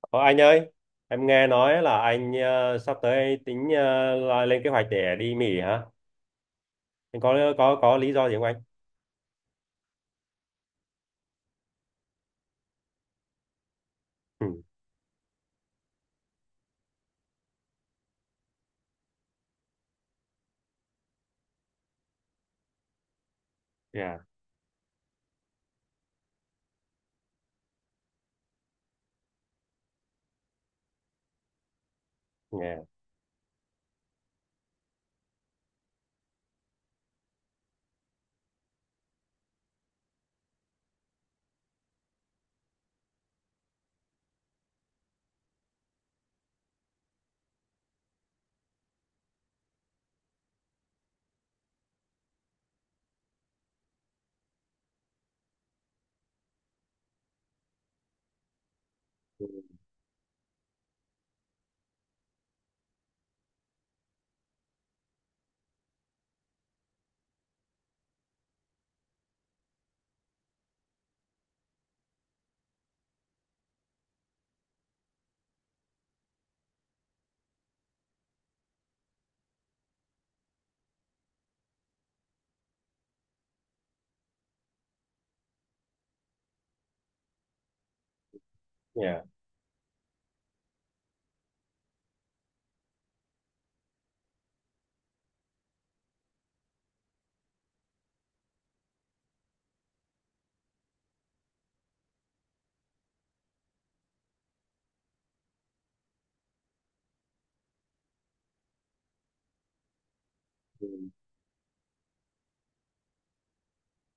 Ờ, anh ơi, em nghe nói là anh sắp tới tính là lên kế hoạch để đi Mỹ hả? Anh có lý do gì không anh? Ừ, yeah, yeah, yeah.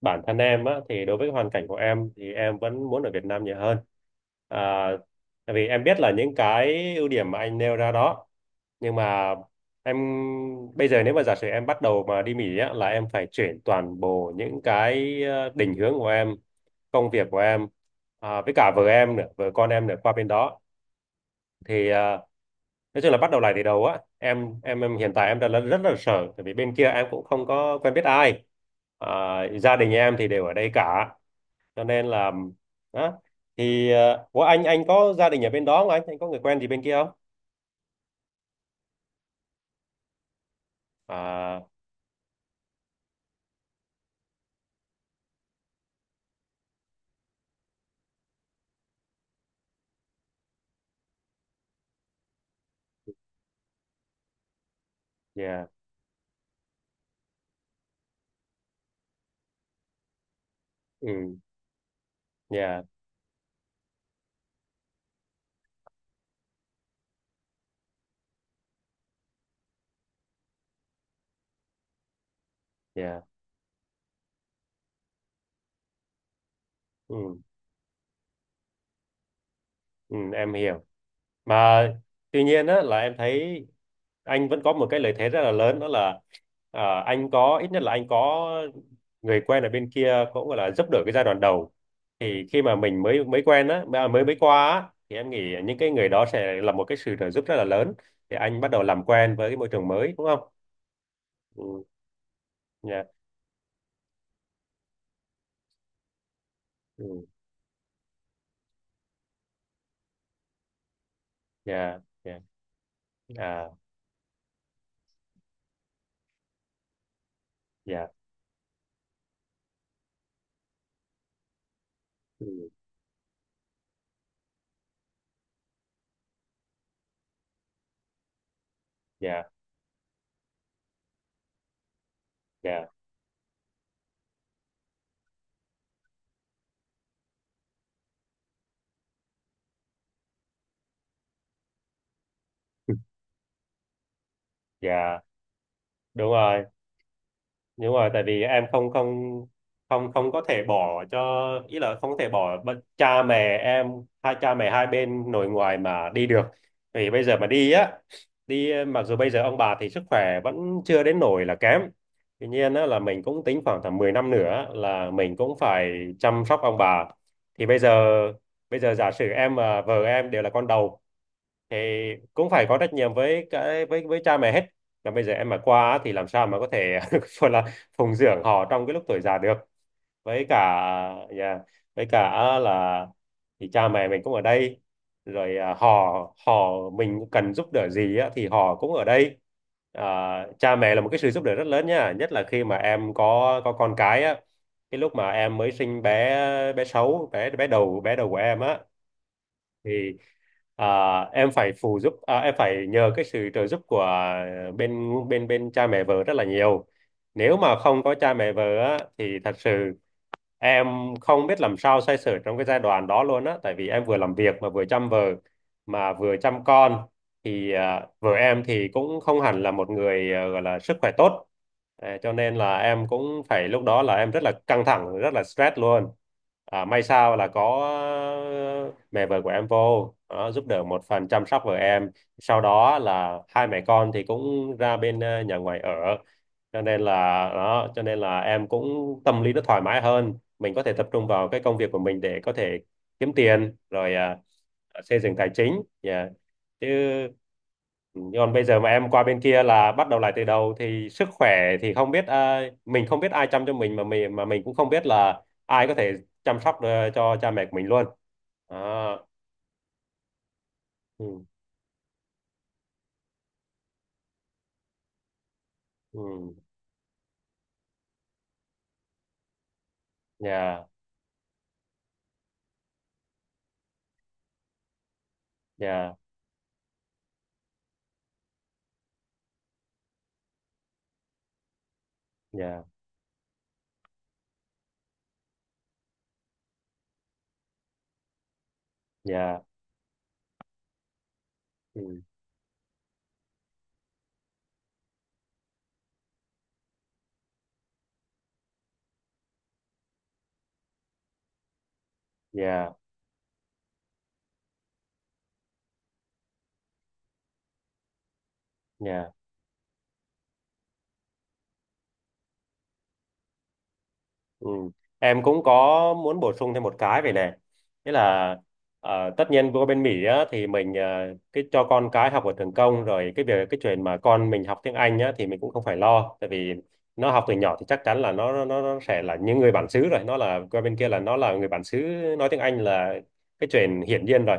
Bản thân em á, thì đối với hoàn cảnh của em thì em vẫn muốn ở Việt Nam nhiều hơn à, tại vì em biết là những cái ưu điểm mà anh nêu ra đó. Nhưng mà em bây giờ nếu mà giả sử em bắt đầu mà đi Mỹ á, là em phải chuyển toàn bộ những cái định hướng của em, công việc của em, à, với cả vợ em nữa, vợ con em nữa qua bên đó. Thì à, nói chung là bắt đầu lại từ đầu á, em hiện tại em rất là sợ, tại vì bên kia em cũng không có quen biết ai. À, gia đình em thì đều ở đây cả, cho nên là đó. Thì ủa, anh có gia đình ở bên đó không anh, anh có người quen gì bên kia không? À, dạ. Ừ. Dạ. Dạ. Ừ. Ừ, em hiểu. Mà tuy nhiên á, là em thấy anh vẫn có một cái lợi thế rất là lớn, đó là à, anh có, ít nhất là anh có người quen ở bên kia, cũng gọi là giúp đỡ cái giai đoạn đầu. Thì khi mà mình mới mới quen á, mà mới mới qua á, thì em nghĩ những cái người đó sẽ là một cái sự trợ giúp rất là lớn để anh bắt đầu làm quen với cái môi trường mới đúng không? Ừ. Dạ. Ừ, dạ. Dạ. À. Dạ. Ừ, dạ. Dạ. Ừ, dạ. Đúng rồi, đúng rồi, tại vì em không không không không có thể bỏ cho, ý là không thể bỏ bất- cha mẹ em, hai cha mẹ hai bên nội ngoại mà đi được. Vì bây giờ mà đi á, đi mặc dù bây giờ ông bà thì sức khỏe vẫn chưa đến nỗi là kém, tuy nhiên á, là mình cũng tính khoảng tầm 10 năm nữa là mình cũng phải chăm sóc ông bà. Thì bây giờ, bây giờ giả sử em và vợ em đều là con đầu thì cũng phải có trách nhiệm với cái, với cha mẹ hết. Là bây giờ em mà qua á thì làm sao mà có thể gọi là phụng dưỡng họ trong cái lúc tuổi già được. Với cả, yeah, với cả là thì cha mẹ mình cũng ở đây, rồi à, họ họ mình cần giúp đỡ gì á, thì họ cũng ở đây. À, cha mẹ là một cái sự giúp đỡ rất lớn nha, nhất là khi mà em có con cái á, cái lúc mà em mới sinh bé, bé sáu bé bé đầu của em á, thì à, em phải phụ giúp, à, em phải nhờ cái sự trợ giúp của bên bên bên cha mẹ vợ rất là nhiều. Nếu mà không có cha mẹ vợ á, thì thật sự em không biết làm sao xoay sở trong cái giai đoạn đó luôn á, tại vì em vừa làm việc mà vừa chăm vợ mà vừa chăm con. Thì à, vợ em thì cũng không hẳn là một người à, gọi là sức khỏe tốt. À, cho nên là em cũng phải, lúc đó là em rất là căng thẳng, rất là stress luôn. À, may sao là có ờ, mẹ vợ của em vô đó, giúp đỡ một phần chăm sóc vợ em, sau đó là hai mẹ con thì cũng ra bên nhà ngoài ở, cho nên là đó. Cho nên là em cũng tâm lý nó thoải mái hơn, mình có thể tập trung vào cái công việc của mình để có thể kiếm tiền rồi à, xây dựng tài chính, yeah. Chứ còn bây giờ mà em qua bên kia là bắt đầu lại từ đầu thì sức khỏe thì không biết à, mình không biết ai chăm cho mình, mà mình mà mình cũng không biết là ai có thể chăm sóc cho cha mẹ của mình luôn. Đó. Ừ. Ừ. Dạ. Dạ. Dạ. Dạ. Ừ. Dạ. Dạ. Ừ. Em cũng có muốn bổ sung thêm một cái về này. Nghĩa là tất nhiên qua bên Mỹ á, thì mình cái cho con cái học ở trường công rồi, cái việc cái chuyện mà con mình học tiếng Anh á, thì mình cũng không phải lo, tại vì nó học từ nhỏ thì chắc chắn là nó sẽ là những người bản xứ rồi. Nó là qua bên kia là nó là người bản xứ, nói tiếng Anh là cái chuyện hiển nhiên rồi.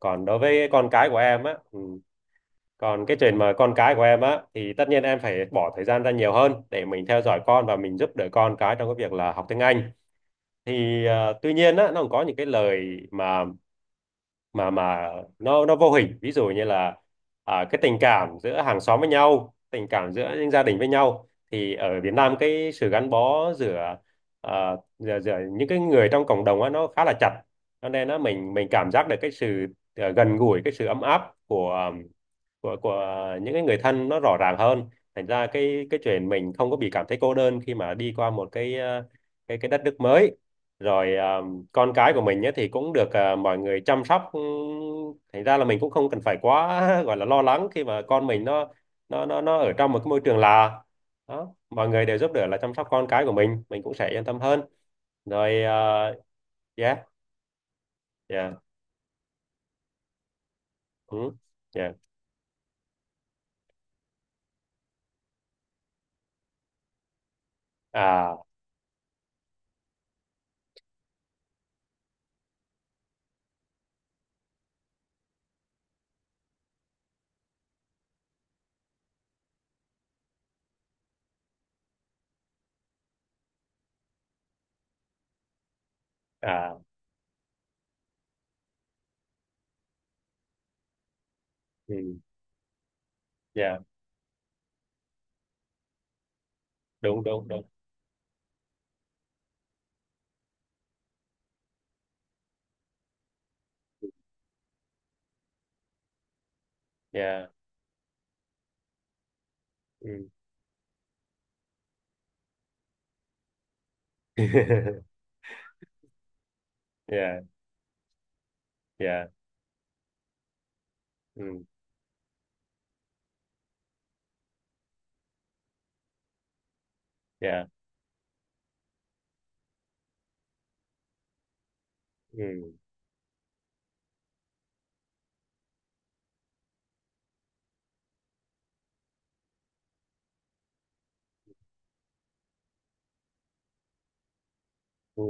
Còn đối với con cái của em á, ừ, còn cái chuyện mà con cái của em á thì tất nhiên em phải bỏ thời gian ra nhiều hơn để mình theo dõi con và mình giúp đỡ con cái trong cái việc là học tiếng Anh. Thì à, tuy nhiên á, nó còn có những cái lời mà mà nó vô hình, ví dụ như là à, cái tình cảm giữa hàng xóm với nhau, tình cảm giữa những gia đình với nhau, thì ở Việt Nam cái sự gắn bó giữa à, giữa những cái người trong cộng đồng á, nó khá là chặt. Cho nên nó mình cảm giác được cái sự à, gần gũi, cái sự ấm áp của của những cái người thân nó rõ ràng hơn. Thành ra cái chuyện mình không có bị cảm thấy cô đơn khi mà đi qua một cái à, cái đất nước mới. Rồi à, con cái của mình ấy, thì cũng được à, mọi người chăm sóc, ừ, thành ra là mình cũng không cần phải quá gọi là lo lắng khi mà con mình nó nó ở trong một cái môi trường là đó, mọi người đều giúp đỡ là chăm sóc con cái của mình cũng sẽ yên tâm hơn rồi à. Yeah. Yeah. Ừ. Yeah. À. À. Ừ. Yeah. Đúng, đúng, đúng. Yeah. Ừ. Yeah. Yeah. Ừ. Yeah. Ừ. Ừ.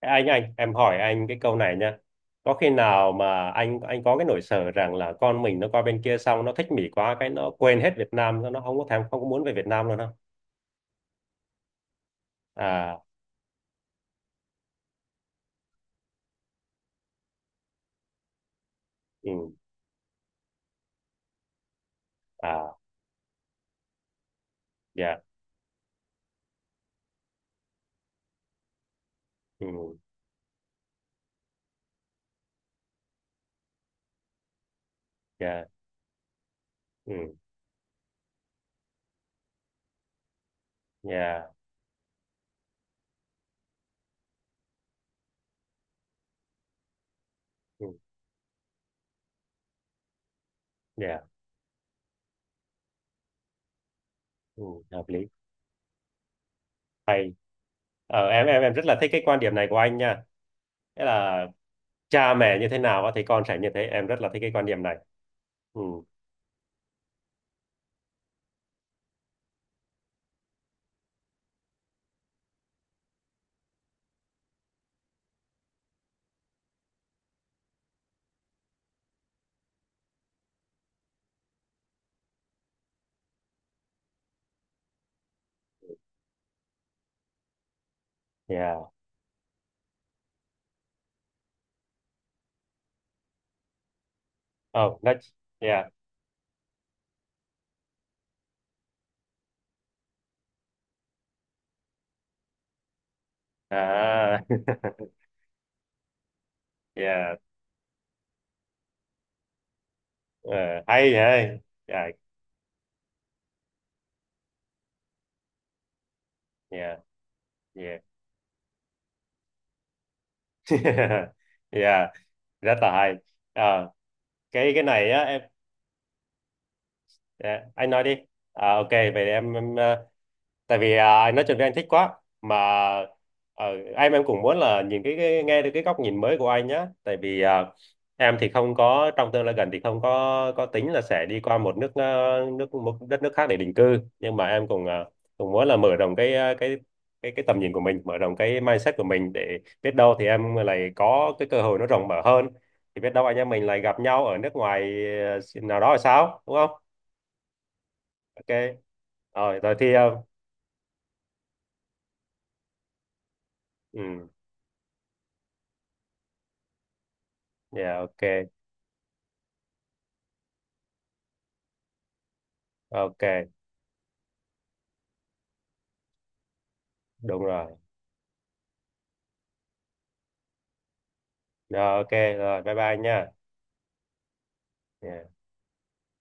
Anh em hỏi anh cái câu này nha. Có khi nào mà anh có cái nỗi sợ rằng là con mình nó qua bên kia xong nó thích Mỹ quá, cái nó quên hết Việt Nam, nó không có thèm, không có muốn về Việt Nam luôn không? À. Ừ. À. Dạ. Ừ. Dạ. Ừ. Dạ. Ừ. Dạ. Ừ, hợp lý. Hay. Em rất là thích cái quan điểm này của anh nha. Nghĩa là cha mẹ như thế nào á thì con sẽ như thế. Em rất là thích cái quan điểm này. Ừ. Yeah. Oh, that's, yeah. À. Yeah. Ờ, hay vậy. Yeah. Yeah. Yeah. Yeah, rất là hay. Ờ, cái này á em. Dạ, anh nói đi. À, ok vậy em tại vì à, nói chung là anh thích quá mà, ờ, cũng muốn là nhìn cái nghe được cái góc nhìn mới của anh nhá, tại vì à, em thì không có, trong tương lai gần thì không có tính là sẽ đi qua một nước nước một đất nước khác để định cư, nhưng mà em cũng à, cũng muốn là mở rộng cái cái cái tầm nhìn của mình, mở rộng cái mindset của mình để biết đâu thì em lại có cái cơ hội nó rộng mở hơn. Thì biết đâu anh em mình lại gặp nhau ở nước ngoài nào đó là sao đúng không? Ok. Rồi, rồi thì ờ, ừ. Yeah, ok. Ok, đúng rồi. Rồi, ok, rồi bye bye nha. Yeah.